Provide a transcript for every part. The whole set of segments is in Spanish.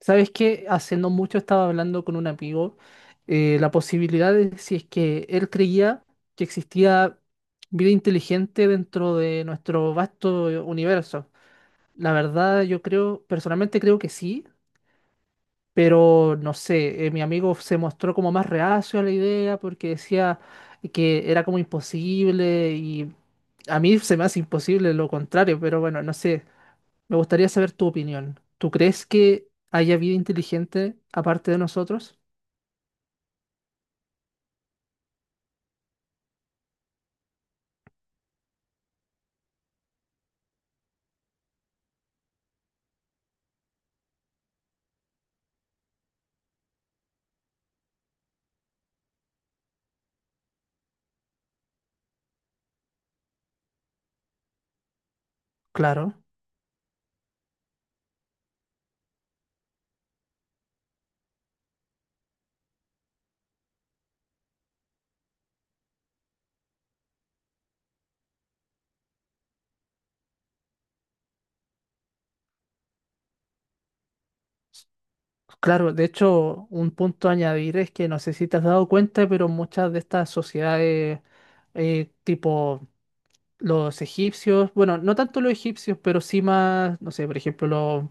¿Sabes qué? Hace no mucho estaba hablando con un amigo, la posibilidad de si es que él creía que existía vida inteligente dentro de nuestro vasto universo. La verdad, yo creo, personalmente creo que sí, pero no sé, mi amigo se mostró como más reacio a la idea porque decía que era como imposible y a mí se me hace imposible lo contrario, pero bueno, no sé. Me gustaría saber tu opinión. ¿Tú crees que haya vida inteligente aparte de nosotros? Claro, claro. De hecho, un punto a añadir es que no sé si te has dado cuenta, pero muchas de estas sociedades, tipo los egipcios, bueno, no tanto los egipcios, pero sí más, no sé, por ejemplo, los,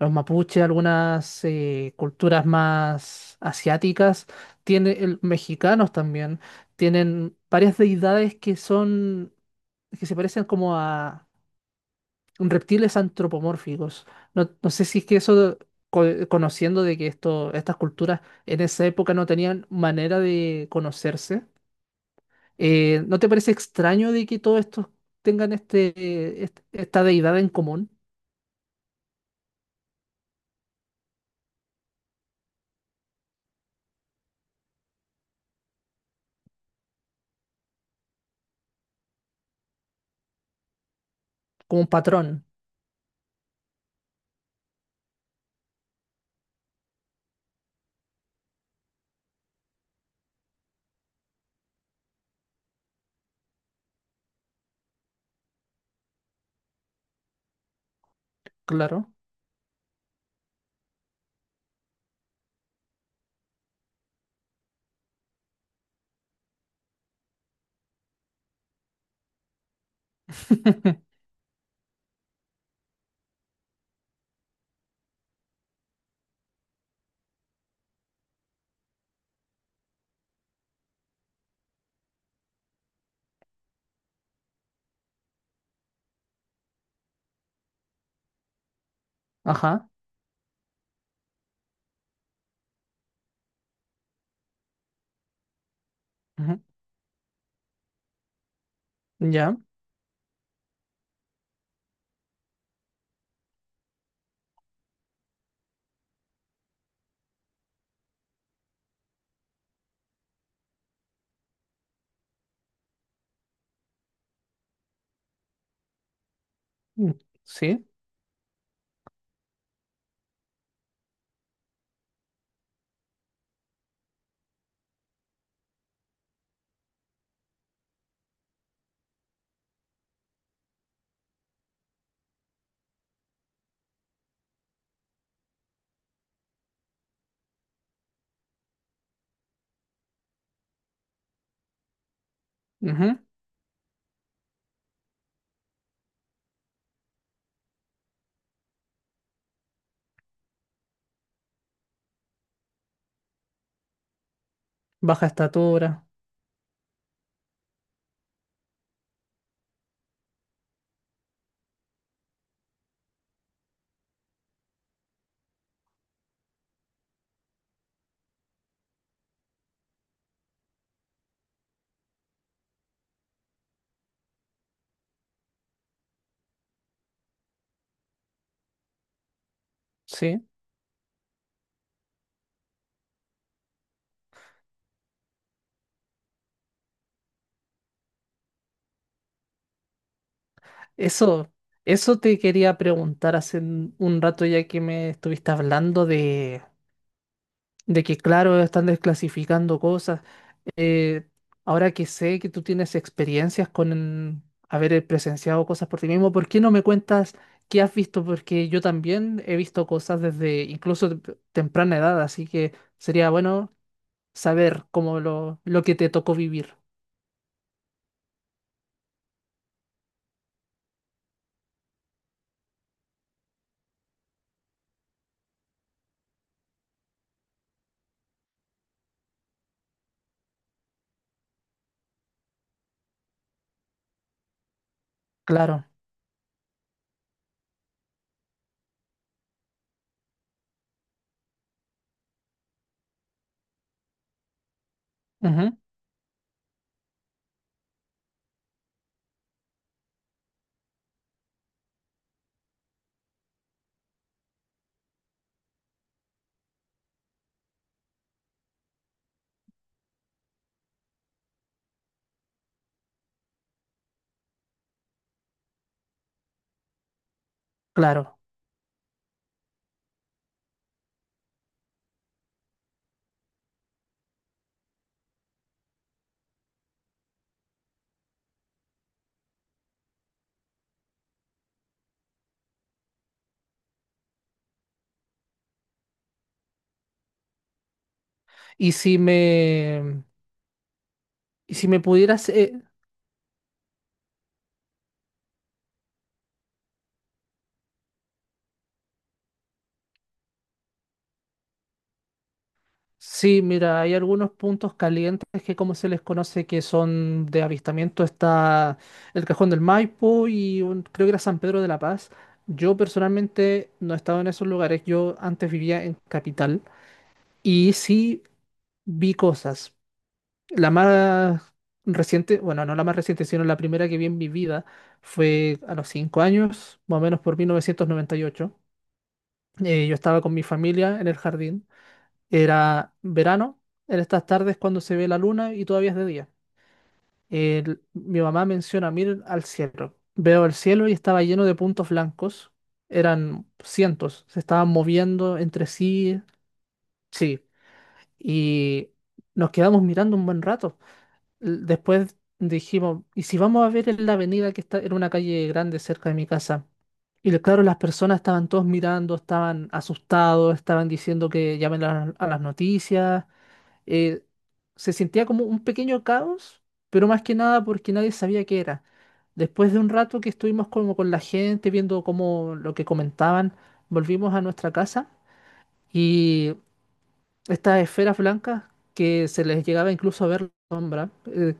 los mapuches, algunas culturas más asiáticas, mexicanos también, tienen varias deidades que son, que se parecen como a reptiles antropomórficos. No, no sé si es que eso, co- conociendo de que estas culturas en esa época no tenían manera de conocerse, ¿no te parece extraño de que todos estos tengan esta deidad en común, como un patrón? Claro. Ajá. Ujú. Ya. Mm. Sí. Ujú. Baja estatura. Sí. Eso, eso te quería preguntar hace un rato ya que me estuviste hablando de que, claro, están desclasificando cosas. Eh, ahora que sé que tú tienes experiencias con haber presenciado cosas por ti mismo, ¿por qué no me cuentas qué has visto? Porque yo también he visto cosas desde incluso temprana edad, así que sería bueno saber lo que te tocó vivir. Claro. Ujú. Claro. Y si me, y si me pudieras sí, mira, hay algunos puntos calientes que como se les conoce que son de avistamiento, está el Cajón del Maipo y creo que era San Pedro de la Paz. Yo personalmente no he estado en esos lugares, yo antes vivía en Capital y sí vi cosas. La más reciente, bueno, no la más reciente, sino la primera que vi en mi vida fue a los cinco años, más o menos por 1998. Yo estaba con mi familia en el jardín, era verano, en estas tardes cuando se ve la luna y todavía es de día. Mi mamá menciona, miren al cielo. Veo el cielo y estaba lleno de puntos blancos. Eran cientos, se estaban moviendo entre sí. Sí, y nos quedamos mirando un buen rato. Después dijimos, ¿y si vamos a ver en la avenida que está en una calle grande cerca de mi casa? Claro, las personas estaban todos mirando, estaban asustados, estaban diciendo que llamen a las noticias, eh, se sentía como un pequeño caos, pero más que nada porque nadie sabía qué era. Después de un rato que estuvimos como con la gente, viendo como lo que comentaban, volvimos a nuestra casa y estas esferas blancas que se les llegaba incluso a ver la sombra eh,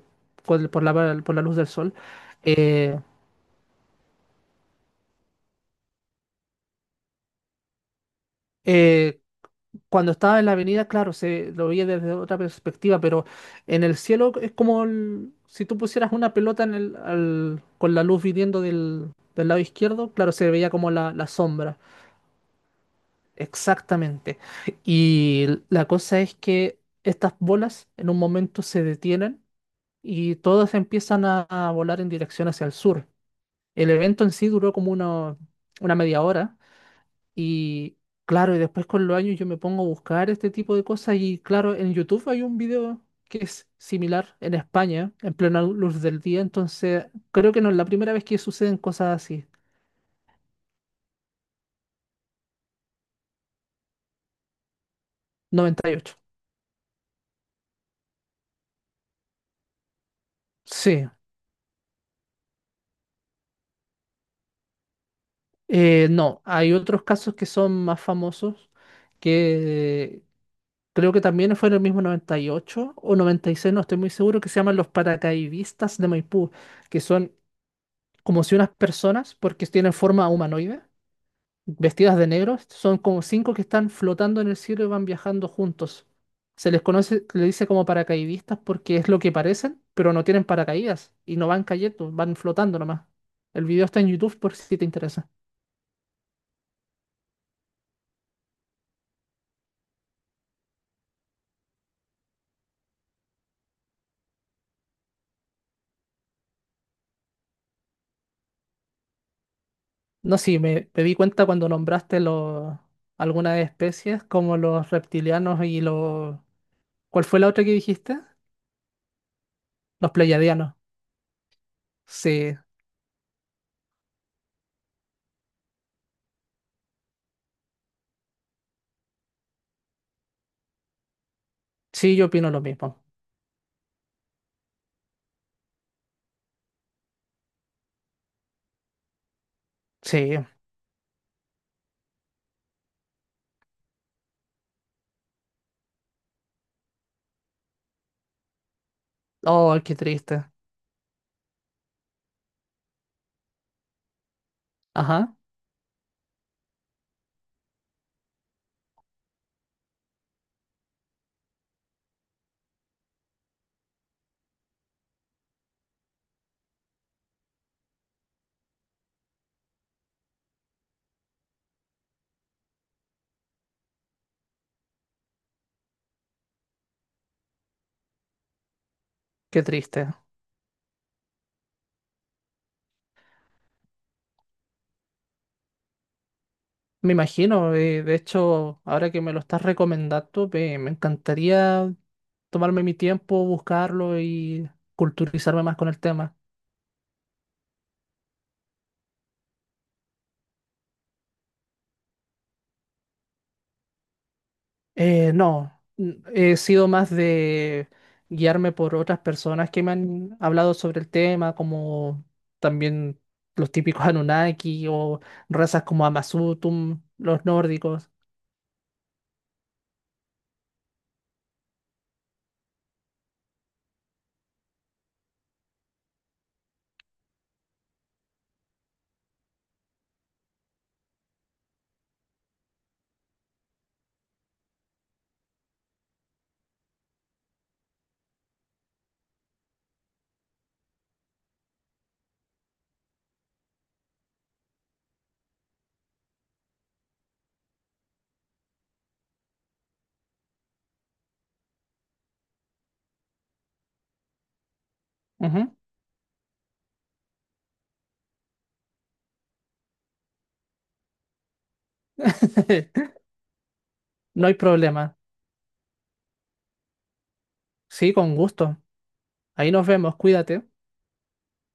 con- por la luz del sol, eh, eh, cuando estaba en la avenida, claro, se lo veía desde otra perspectiva, pero en el cielo es como si tú pusieras una pelota en con la luz viniendo del, del lado izquierdo, claro, se veía como la sombra. Exactamente. Y la cosa es que estas bolas en un momento se detienen y todas empiezan a volar en dirección hacia el sur. El evento en sí duró como una media hora, y claro, y después con los años yo me pongo a buscar este tipo de cosas y claro, en YouTube hay un video que es similar en España, en plena luz del día, entonces creo que no es la primera vez que suceden cosas así. Noventa y ocho. Sí. No, hay otros casos que son más famosos que creo que también fue en el mismo 98 o noventa y seis, no estoy muy seguro, que se llaman los paracaidistas de Maipú, que son como si unas personas, porque tienen forma humanoide, vestidas de negro. Son como cinco que están flotando en el cielo y van viajando juntos. Se les conoce, le dice como paracaidistas porque es lo que parecen, pero no tienen paracaídas y no van cayendo, van flotando nomás. El video está en YouTube por si te interesa. No, sí, me di cuenta cuando nombraste los algunas especies como los reptilianos y los... ¿Cuál fue la otra que dijiste? Los pleiadianos. Sí, sí, yo opino lo mismo. Sí. Oh, qué triste. Ajá, qué triste. Me imagino, de hecho, ahora que me lo estás recomendando, me encantaría tomarme mi tiempo, buscarlo y culturizarme más con el tema. No, he sido más de guiarme por otras personas que me han hablado sobre el tema, como también los típicos Anunnaki o razas como Amasutum, los nórdicos. Ujú. No hay problema. Sí, con gusto. Ahí nos vemos, cuídate.